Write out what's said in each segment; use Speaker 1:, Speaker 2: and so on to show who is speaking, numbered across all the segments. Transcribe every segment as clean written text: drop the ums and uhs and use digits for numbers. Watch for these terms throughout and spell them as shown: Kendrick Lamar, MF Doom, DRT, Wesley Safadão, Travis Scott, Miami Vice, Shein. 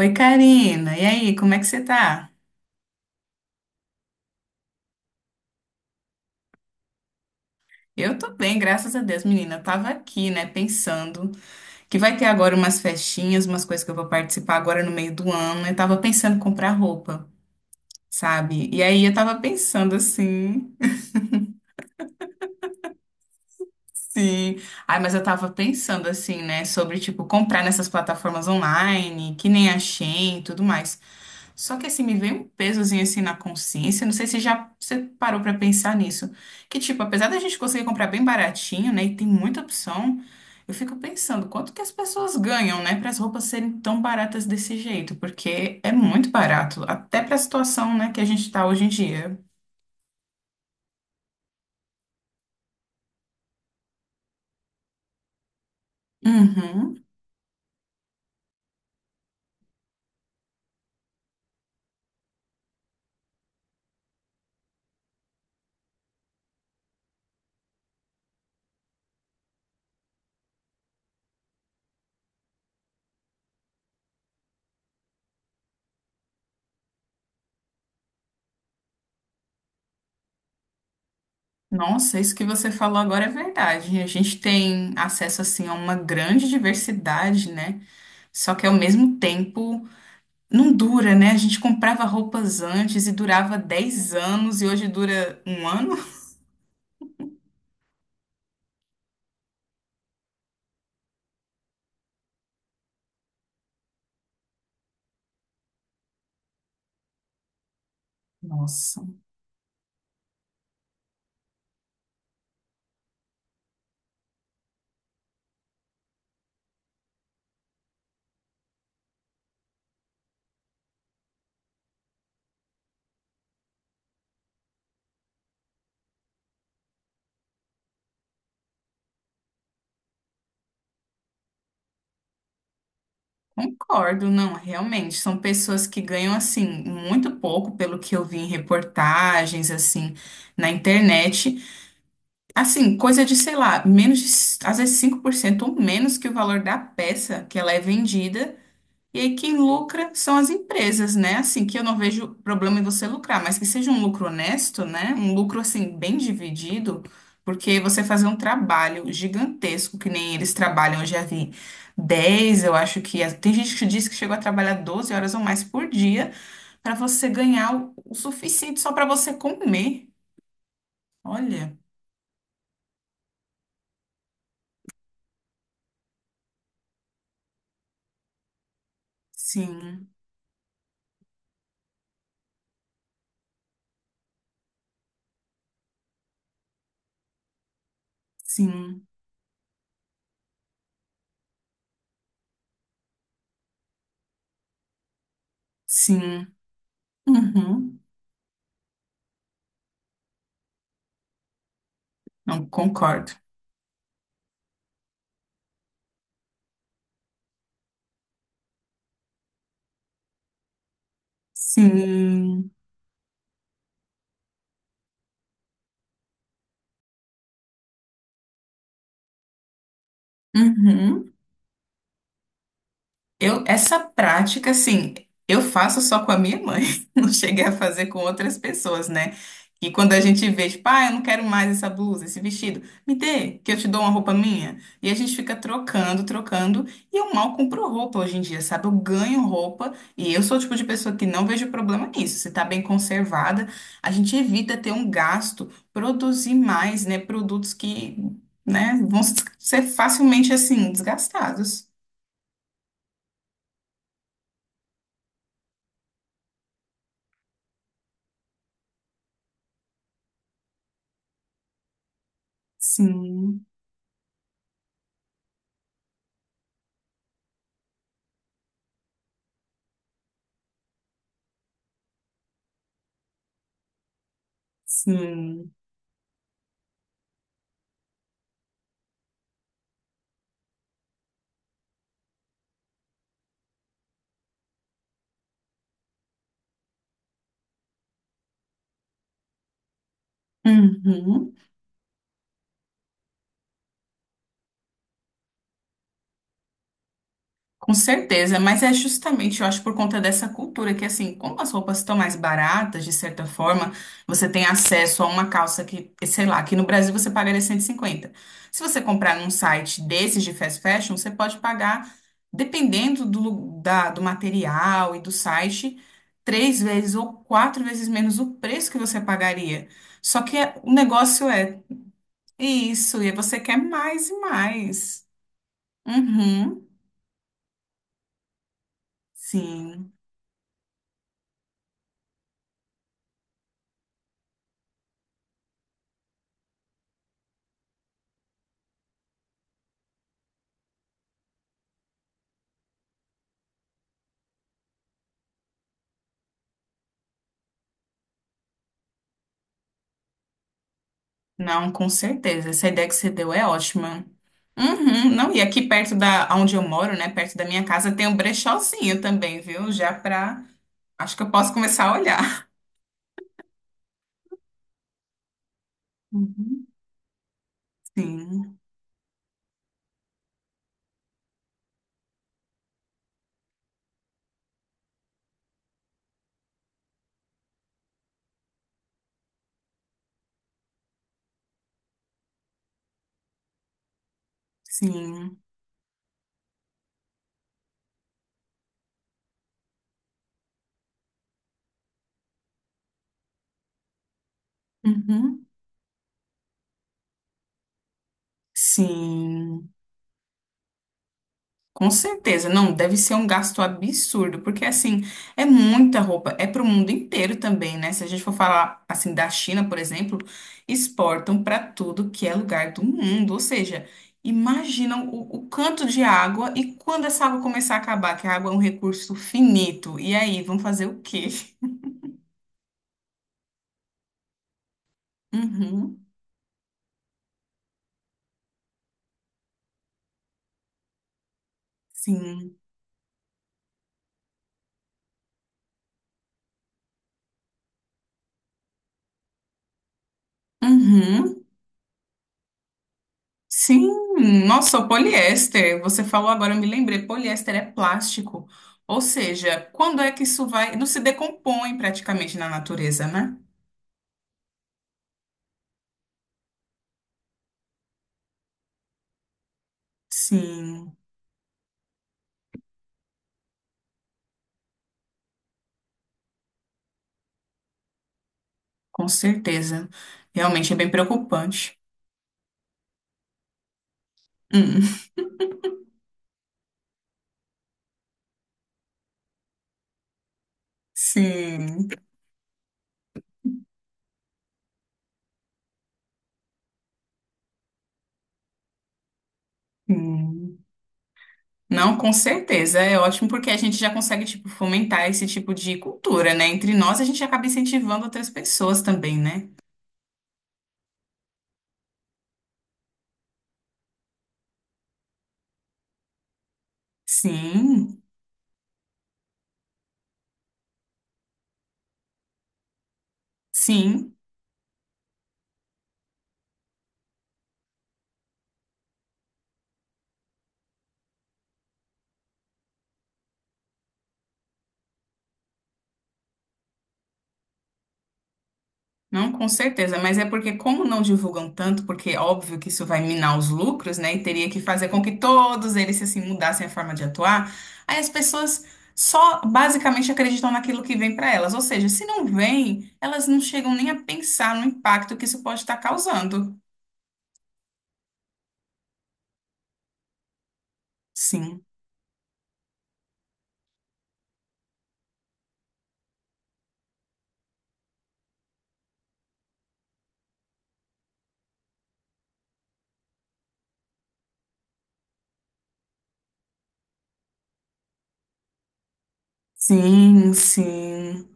Speaker 1: Oi, Karina. E aí, como é que você tá? Eu tô bem, graças a Deus, menina. Eu tava aqui, né, pensando que vai ter agora umas festinhas, umas coisas que eu vou participar agora no meio do ano. Eu tava pensando em comprar roupa, sabe? E aí eu tava pensando assim, sim. Ai, mas eu tava pensando assim, né, sobre tipo comprar nessas plataformas online, que nem a Shein e tudo mais. Só que assim, me veio um pesozinho assim na consciência. Não sei se já você parou pra pensar nisso. Que tipo, apesar da gente conseguir comprar bem baratinho, né? E tem muita opção, eu fico pensando quanto que as pessoas ganham, né? Para as roupas serem tão baratas desse jeito. Porque é muito barato, até pra situação, né, que a gente tá hoje em dia. Uhum. Nossa, isso que você falou agora é verdade. A gente tem acesso assim a uma grande diversidade, né? Só que ao mesmo tempo. Não dura, né? A gente comprava roupas antes e durava 10 anos e hoje dura um ano? Nossa, concordo, não, realmente. São pessoas que ganham, assim, muito pouco, pelo que eu vi em reportagens, assim, na internet. Assim, coisa de, sei lá, menos de, às vezes 5% ou menos que o valor da peça que ela é vendida. E aí quem lucra são as empresas, né? Assim, que eu não vejo problema em você lucrar, mas que seja um lucro honesto, né? Um lucro, assim, bem dividido, porque você fazer um trabalho gigantesco, que nem eles trabalham, eu já vi 10 eu acho que... Tem gente que diz que chegou a trabalhar 12 horas ou mais por dia para você ganhar o suficiente só para você comer. Olha, sim, sim, sim, uhum, não concordo. Sim, uhum. Eu, essa prática, assim, eu faço só com a minha mãe, não cheguei a fazer com outras pessoas, né? E quando a gente vê, tipo, ah, eu não quero mais essa blusa, esse vestido, me dê, que eu te dou uma roupa minha. E a gente fica trocando, trocando, e eu mal compro roupa hoje em dia, sabe? Eu ganho roupa, e eu sou o tipo de pessoa que não vejo problema nisso. Se tá bem conservada, a gente evita ter um gasto, produzir mais, né? Produtos que, né, vão ser facilmente, assim, desgastados. Sim. Sim. Uhum. Com certeza, mas é justamente, eu acho, por conta dessa cultura que, assim, como as roupas estão mais baratas, de certa forma, você tem acesso a uma calça que, sei lá, aqui no Brasil você pagaria 150. Se você comprar num site desses de fast fashion, você pode pagar, dependendo do, lu- da, do material e do site, três vezes ou quatro vezes menos o preço que você pagaria. Só que é- o negócio é isso, e aí você quer mais e mais. Uhum. Sim, não, com certeza. Essa ideia que você deu é ótima. Uhum, não, e aqui perto da onde eu moro, né, perto da minha casa, tem um brechózinho também, viu? Já pra. Acho que eu posso começar a olhar. Uhum. Sim, sim. Uhum. Sim. Com certeza, não, deve ser um gasto absurdo, porque assim, é muita roupa, é para o mundo inteiro também, né? Se a gente for falar assim da China, por exemplo, exportam para tudo que é lugar do mundo, ou seja, imaginam o canto de água e quando essa água começar a acabar, que a água é um recurso finito, e aí, vão fazer o quê? Uhum, sim. Uhum. Sim, nossa, o poliéster. Você falou agora, eu me lembrei, poliéster é plástico. Ou seja, quando é que isso vai. Não se decompõe praticamente na natureza, né? Sim, com certeza. Realmente é bem preocupante. Hum, sim. Hum. Não, com certeza. É ótimo porque a gente já consegue, tipo, fomentar esse tipo de cultura, né? Entre nós, a gente acaba incentivando outras pessoas também, né? Sim, sim. Não, com certeza, mas é porque como não divulgam tanto, porque é óbvio que isso vai minar os lucros, né? E teria que fazer com que todos eles se assim mudassem a forma de atuar. Aí as pessoas só basicamente acreditam naquilo que vem para elas, ou seja, se não vem, elas não chegam nem a pensar no impacto que isso pode estar causando. Sim. Sim, sim.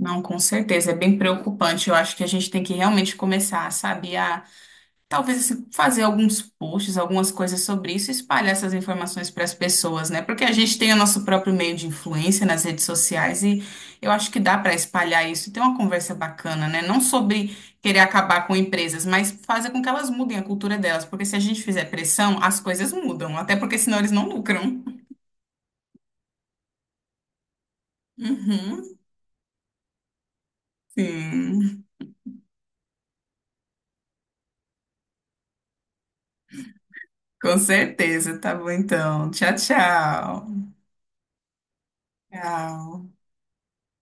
Speaker 1: Não, com certeza, é bem preocupante. Eu acho que a gente tem que realmente começar, sabe, talvez assim, fazer alguns posts, algumas coisas sobre isso, e espalhar essas informações para as pessoas, né? Porque a gente tem o nosso próprio meio de influência nas redes sociais e eu acho que dá para espalhar isso, e ter uma conversa bacana, né? Não sobre querer acabar com empresas, mas fazer com que elas mudem a cultura delas, porque se a gente fizer pressão, as coisas mudam, até porque senão eles não lucram. Uhum, sim, com certeza. Tá bom então. Tchau, tchau. Tchau.